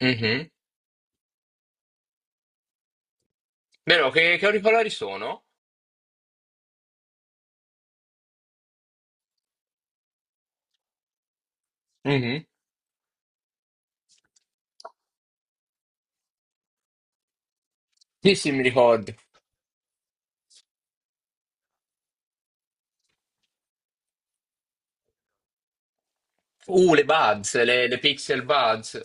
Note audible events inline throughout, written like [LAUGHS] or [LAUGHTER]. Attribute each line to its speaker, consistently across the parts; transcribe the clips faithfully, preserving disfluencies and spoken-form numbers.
Speaker 1: Mhm. Vero, che, che auricolari sono? Mhm. Sì, sì, mi ricordo. Uh, le Buds, le, le Pixel Buds.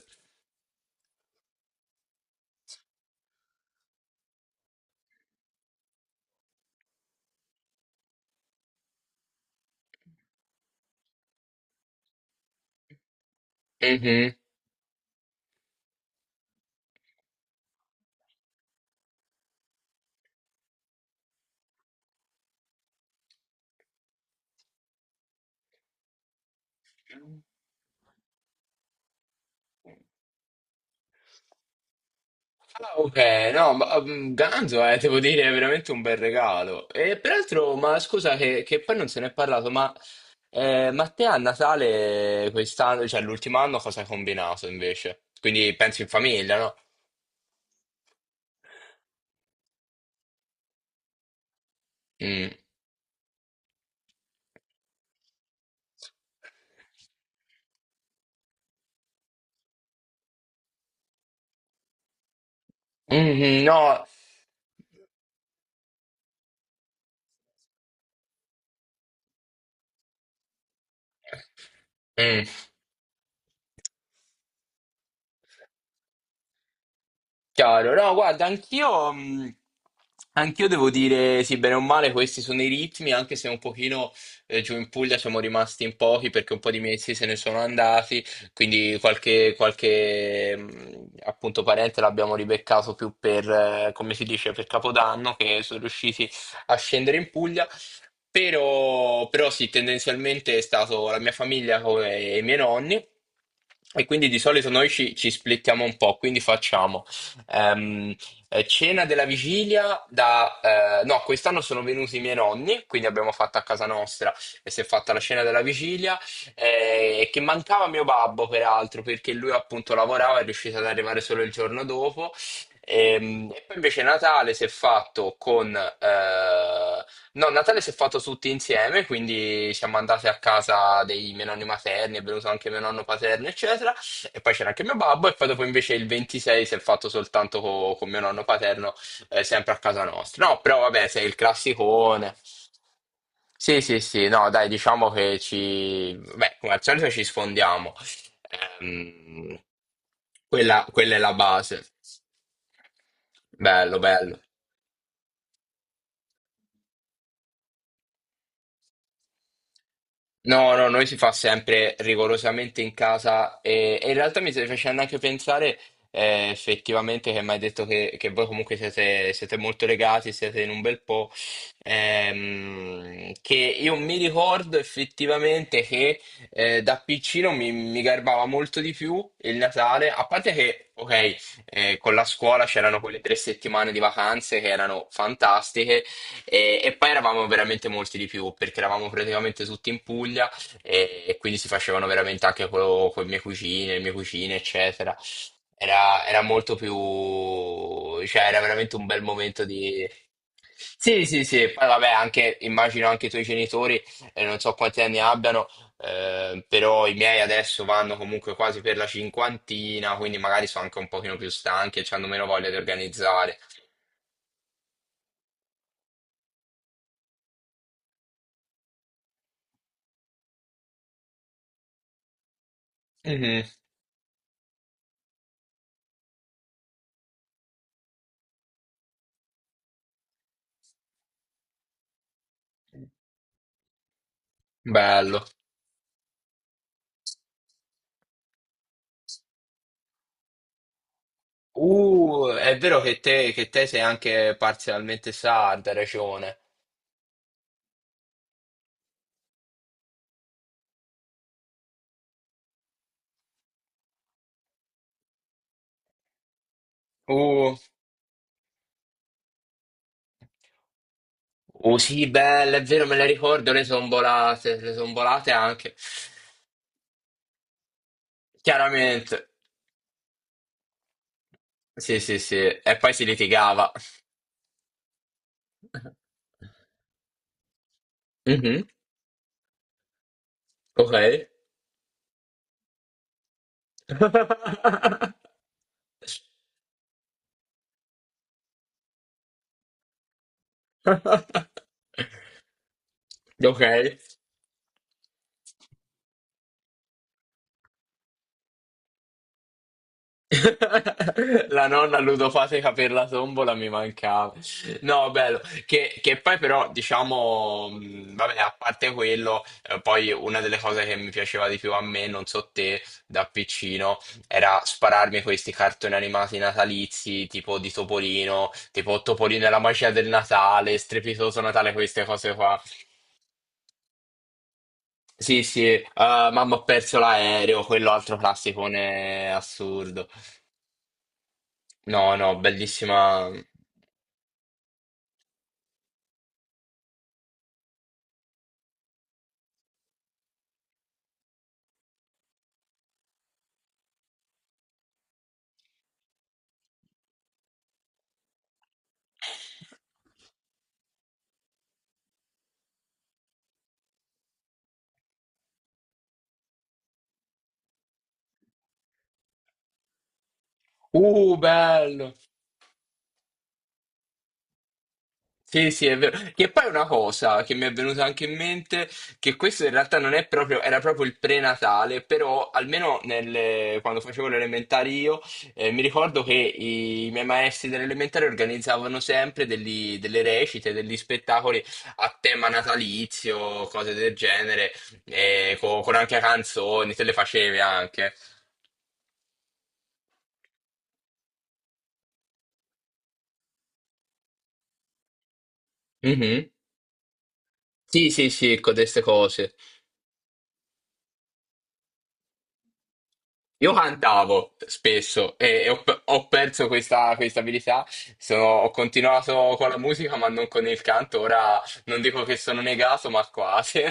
Speaker 1: Mhm. Ah, ok, no, ma mm, Ganzo, eh, devo dire, è veramente un bel regalo. E peraltro, ma scusa che, che poi non se ne è parlato, ma, eh, ma te a Natale quest'anno, cioè l'ultimo anno, cosa hai combinato invece? Quindi penso in famiglia, no? Mm. Mhm, no. Mm. Chiaro, no, guarda, anch'io mh, anch'io devo dire, sì, bene o male, questi sono i ritmi, anche se un pochino eh, giù in Puglia siamo rimasti in pochi perché un po' di mesi se ne sono andati, quindi qualche, qualche mh, appunto parente l'abbiamo ribeccato più per, eh, come si dice, per Capodanno, che sono riusciti a scendere in Puglia. Però, però sì, tendenzialmente è stato la mia famiglia come i miei nonni e quindi di solito noi ci, ci splittiamo un po', quindi facciamo. Ehm, eh, cena della vigilia da. Eh, no, quest'anno sono venuti i miei nonni, quindi abbiamo fatto a casa nostra e si è fatta la cena della vigilia, eh, che mancava mio babbo peraltro, perché lui appunto lavorava e è riuscito ad arrivare solo il giorno dopo. Ehm, E, poi invece Natale si è fatto con. Eh, No, Natale si è fatto tutti insieme, quindi siamo andati a casa dei miei nonni materni, è venuto anche mio nonno paterno, eccetera. E poi c'era anche mio babbo, e poi dopo invece il ventisei si è fatto soltanto co- con mio nonno paterno, eh, sempre a casa nostra. No, però vabbè, sei il classicone. Sì, sì, sì, no, dai, diciamo che ci. Beh, come al solito ci sfondiamo. Ehm, quella, quella è la base. Bello, bello. No, no, noi si fa sempre rigorosamente in casa e, e in realtà mi stai facendo anche pensare eh, effettivamente che mi hai detto che, che voi comunque siete, siete molto legati, siete in un bel po', ehm, che io mi ricordo effettivamente che eh, da piccino mi, mi garbava molto di più il Natale, a parte che, ok, eh, con la scuola c'erano quelle tre settimane di vacanze che erano fantastiche e, e poi eravamo veramente molti di più perché eravamo praticamente tutti in Puglia e, e quindi si facevano veramente anche con le mie cucine, le mie cucine, eccetera. Era, era molto più, cioè era veramente un bel momento di. Sì, sì, sì, e poi vabbè, anche, immagino anche i tuoi genitori, eh, non so quanti anni abbiano, eh, però i miei adesso vanno comunque quasi per la cinquantina, quindi magari sono anche un pochino più stanchi e hanno meno voglia di organizzare. Mhm, bello. Uh, è vero che te, che te sei anche parzialmente sarda, hai ragione. Uh, uh, sì, belle, è vero, me le ricordo, le son volate, le son volate anche. Chiaramente. Sì, sì, sì. E poi si litigava. [LAUGHS] Mhm, ok. [LAUGHS] Ok. [LAUGHS] La nonna ludopatica per la tombola mi mancava. No, bello. Che, che poi però, diciamo, mh, vabbè, a parte quello, eh, poi una delle cose che mi piaceva di più a me, non so te, da piccino, era spararmi questi cartoni animati natalizi, tipo di Topolino, tipo Topolino e la magia del Natale, Strepitoso Natale, queste cose qua. Sì, sì, eh, mamma ho perso l'aereo, quello altro classicone assurdo. No, no, bellissima. Uh, bello. Sì, sì, è vero. Che poi è una cosa che mi è venuta anche in mente, che questo in realtà non è proprio, era proprio il prenatale, però almeno nelle- quando facevo le elementari io, eh, mi ricordo che i, miei maestri dell'elementare organizzavano sempre degli- delle recite, degli spettacoli a tema natalizio, cose del genere, eh, co- con, anche canzoni, te le facevi anche. Mhm. Sì, sì, sì, con queste cose. Io cantavo spesso e e ho, pe- ho perso questa, questa abilità. Sono- ho continuato con la musica ma non con il canto, ora non dico che sono negato ma quasi.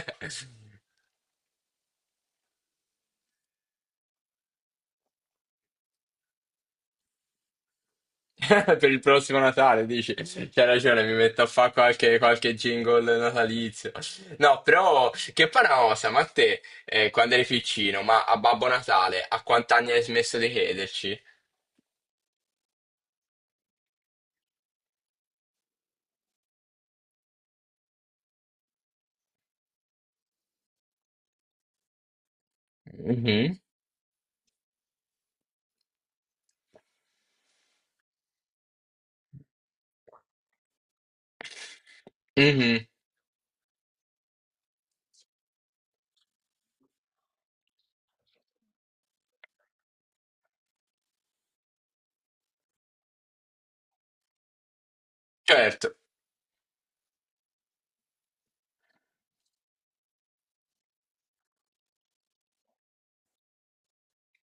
Speaker 1: [LAUGHS] Per il prossimo Natale dici, c'hai ragione, mi metto a fare qualche, qualche jingle natalizio. No, però che fa una cosa, ma te eh, quando eri piccino, ma a Babbo Natale, a quant'anni hai smesso di crederci? Mhm. Mhm, certo.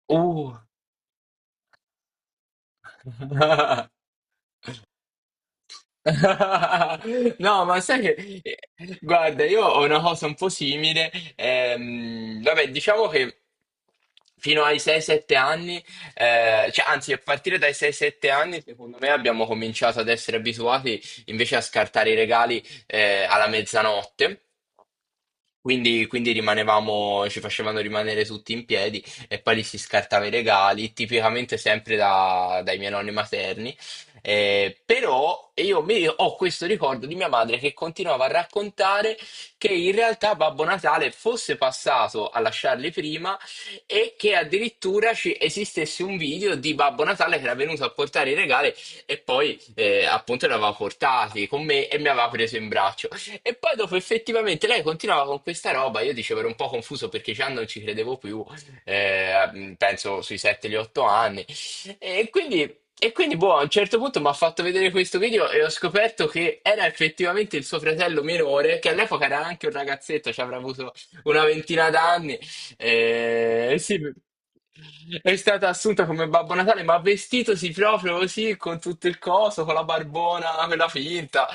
Speaker 1: Uh. [LAUGHS] [LAUGHS] No, ma sai che, eh, guarda, io ho una cosa un po' simile. ehm, vabbè, diciamo che fino ai sei sette anni, eh, cioè, anzi, a partire dai sei sette anni, secondo me abbiamo cominciato ad essere abituati invece a scartare i regali, eh, alla mezzanotte. Quindi, quindi rimanevamo, ci facevano rimanere tutti in piedi e poi li si scartava i regali, tipicamente sempre da- dai miei nonni materni. Eh, però io mi- ho questo ricordo di mia madre che continuava a raccontare che in realtà Babbo Natale fosse passato a lasciarli prima e che addirittura ci esistesse un video di Babbo Natale che era venuto a portare i regali e poi eh, appunto li aveva portati con me e mi aveva preso in braccio. E poi dopo effettivamente lei continuava con questa roba, io dicevo ero un po' confuso perché già non ci credevo più, eh, penso sui sette o otto anni. E quindi e quindi, boh, a un certo punto mi ha fatto vedere questo video e ho scoperto che era effettivamente il suo fratello minore, che all'epoca era anche un ragazzetto, ci avrà avuto una ventina d'anni. E sì, è stata assunta come Babbo Natale, ma vestitosi proprio così, con tutto il coso, con la barbona, quella finta.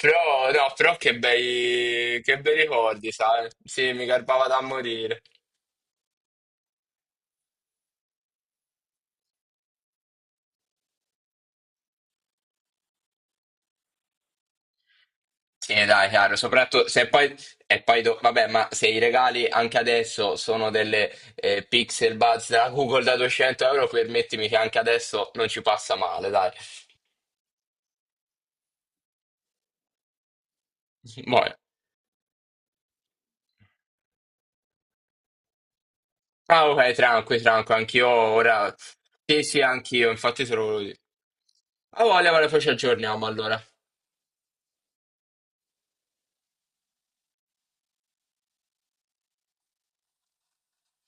Speaker 1: Però, no, però che bei, che bei ricordi, sai? Sì, mi garbava da morire. Sì, dai, chiaro, soprattutto se poi, e poi do- vabbè, ma se i regali anche adesso sono delle eh, Pixel Buds da Google da duecento euro, permettimi che anche adesso non ci passa male, dai. Boh. Ah, ok, tranqui, tranqui, anch'io ora. Sì, sì, anch'io, infatti te lo volevo dire. Ah, voglia, ma poi ci aggiorniamo allora.